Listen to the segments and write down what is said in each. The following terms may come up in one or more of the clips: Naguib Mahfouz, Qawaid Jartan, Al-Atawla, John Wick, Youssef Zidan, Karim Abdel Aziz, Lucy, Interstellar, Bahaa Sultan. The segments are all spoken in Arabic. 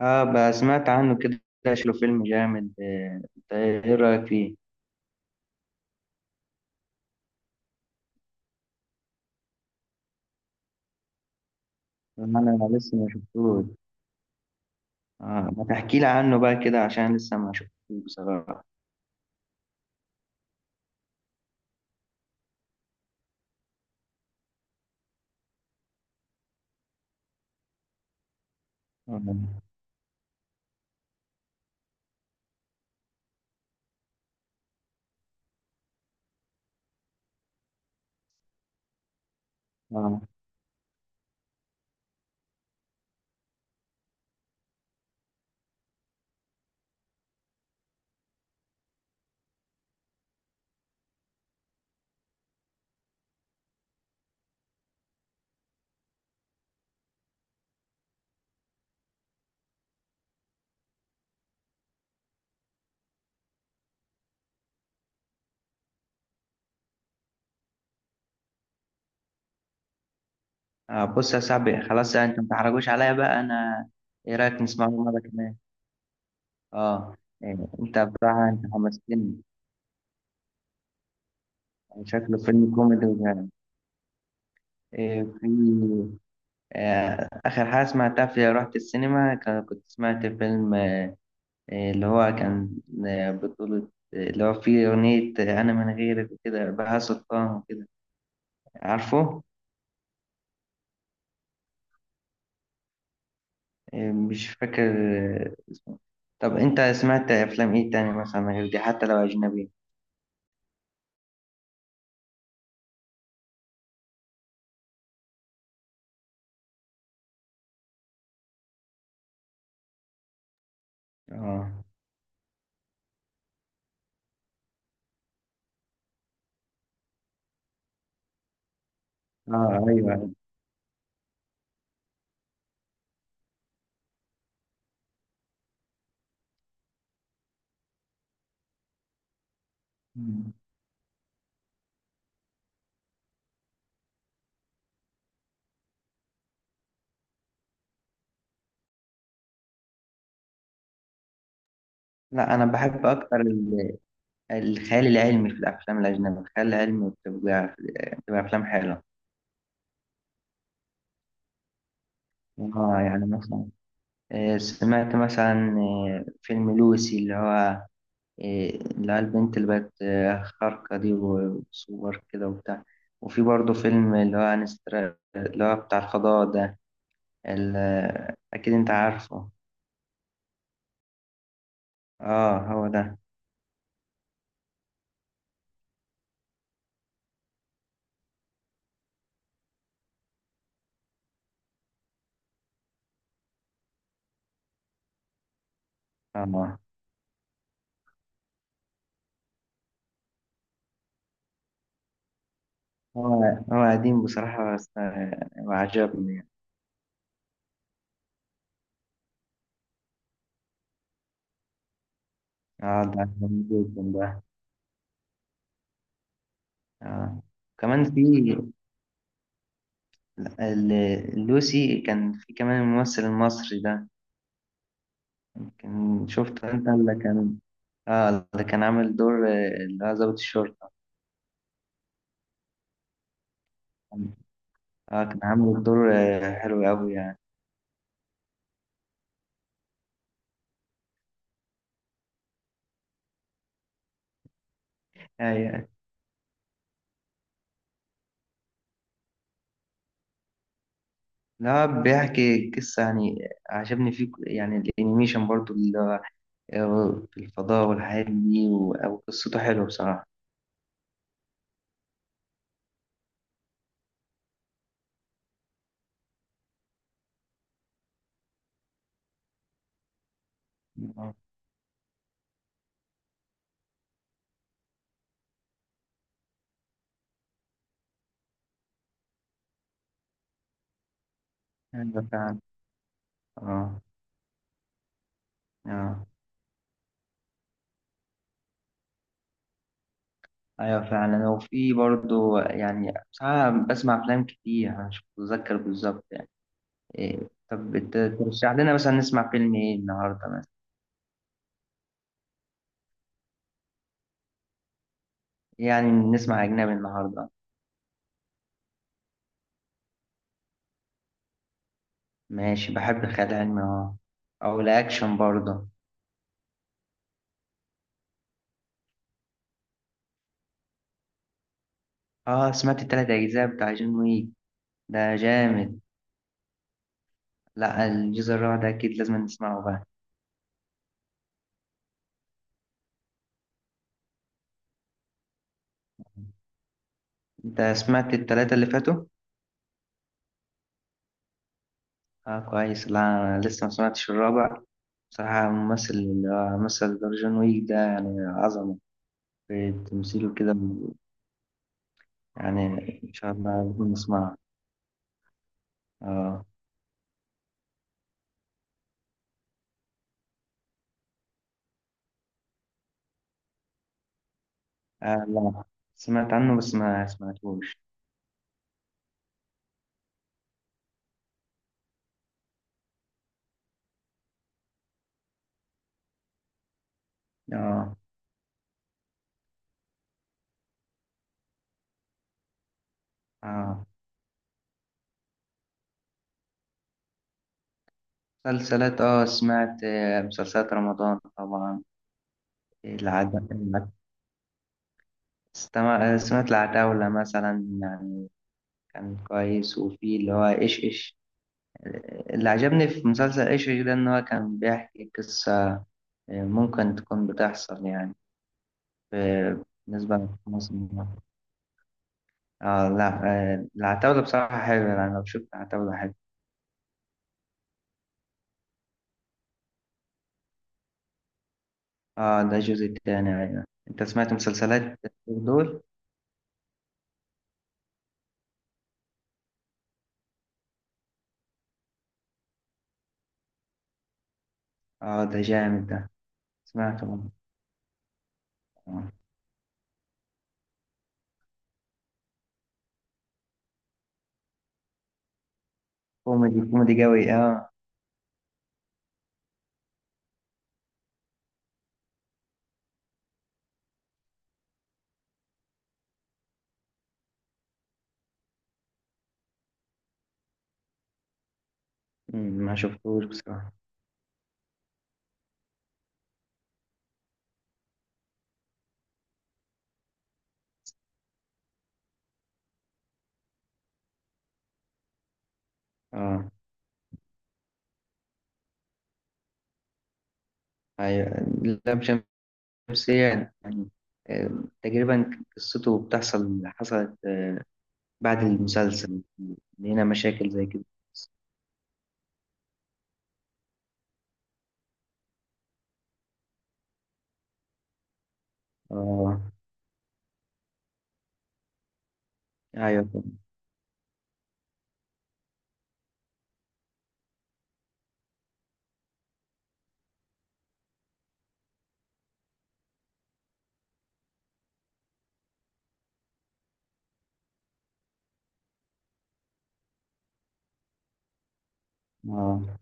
اه، بقى سمعت عنه كده. شكله فيلم جامد. انت ايه رأيك فيه؟ انا لسه ما شفتوش. اه، ما تحكي لي عنه بقى كده عشان لسه ما شفتوش بصراحة. اه. اه. بص يا صاحبي، خلاص انت ما تحرجوش عليا بقى. انا ايه رأيك نسمعه مرة كمان؟ اه. إيه، انت حمستني. شكله فيلم كوميدي وجامد. إيه، في آخر حاجة سمعتها، في رحت السينما كنت سمعت فيلم، اللي هو كان بطولة، اللي هو فيه أغنية، أنا من غيرك وكده، بهاء سلطان وكده. عارفه؟ مش فاكر اسمه. طب أنت سمعت أفلام إيه تاني مثلا غير دي، حتى لو أجنبي؟ آه. آه أيوه. مم. لا، أنا بحب أكتر الخيال العلمي في الأفلام الأجنبية. الخيال العلمي بتبقى أفلام حلوة. آه يعني مثلا، سمعت مثلا فيلم لوسي، اللي هو إيه، اللي هي البنت اللي بقت خارقة دي، وسوبر كده وبتاع. وفي برضه فيلم اللي هو انستر، اللي هو بتاع الفضاء ده. أكيد أنت عارفه. اه هو ده. اه. هو هو قديم بصراحة بس وعجبني يعني. اه، ده عجبني جدا ده. اه، كمان في لوسي كان في كمان الممثل المصري ده. كان شفت انت اللي كان، اه، اللي كان عامل دور اللي هو ضابط الشرطة. اه، كان عامل الدور حلو قوي يعني. أيوة. لا، بيحكي قصة يعني. عجبني فيه يعني الانيميشن برضو، اللي هو في الفضاء والحاجات دي، أو قصته حلوة بصراحة. آه، أيوة فعلا. اه. اه أيوة فعلا. وفي برضو يعني، بصراحة بسمع أفلام كتير أنا، مش متذكر بالظبط يعني. إيه، طب ترشح لنا مثلا نسمع فيلم إيه النهاردة مثلا؟ يعني نسمع أجنبي النهاردة. ماشي، بحب الخيال العلمي، اه، أو الأكشن برضه. اه، سمعت التلات أجزاء بتاع جون ويك. ده جامد. لا، الجزء الرابع ده أكيد لازم نسمعه بقى. أنت سمعت التلاتة اللي فاتوا؟ اه كويس. لا أنا لسه ما سمعتش الرابع. بصراحة الممثل اللي هو مثل دور جون ويك ده، يعني عظمة في تمثيله كده يعني. إن شاء الله لازم نسمعه. اه. لا، سمعت عنه بس ما سمعتهوش. اه. اه. مسلسلات، اه سمعت مسلسلات رمضان طبعا. العتاولة. سمعت العتاولة مثلا يعني. كان كويس. وفي اللي هو إيش إيش. اللي عجبني في مسلسل إيش إيش ده إن هو كان بيحكي قصة ممكن تكون بتحصل يعني، في- بالنسبة لمصر. آه لا، العتاولة بصراحة حلوة يعني. لو شفت العتاولة حلوة. آه، ده الجزء التاني. أيوة، أنت سمعت مسلسلات دول؟ آه، ده جامد ده. سمعته. آه. كوميدي، كوميدي قوي، آه. مم، ما شفتوش بصراحة. آه. أيوة. لا. نفسيا يعني. آم، تقريبا. قصته بتحصل، حصلت بعد المسلسل اللي هنا، مشاكل زي كده. اه ايوه فعلا. اه.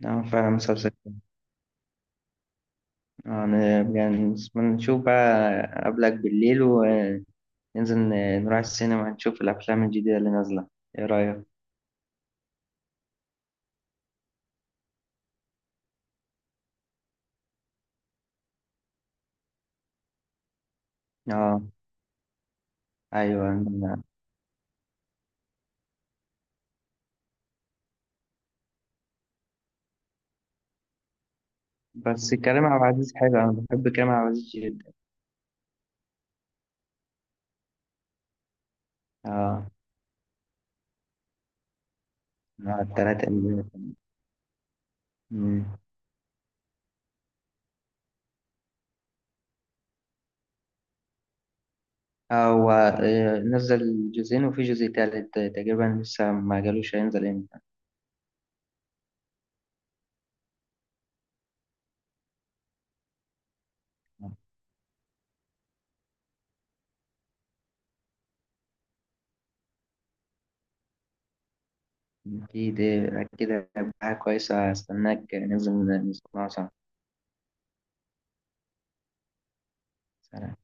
نعم فعلا، مسلسل كده. أنا- يعني نشوف بقى قبلك بالليل، وننزل نروح السينما، نشوف الأفلام الجديدة اللي نازلة. إيه رأيك؟ اه. أيوة. بس كريم عبد العزيز حلو، أنا بحب كريم عبد العزيز جدا. اه. التلاتة اللي مم. هو نزل جزئين، وفي جزء تالت تقريبا، لسه ما قالوش هينزل امتى. أكيد أكيد هيبقى حاجة كويسة. هستناك ننزل نسمعه سوا. سلام.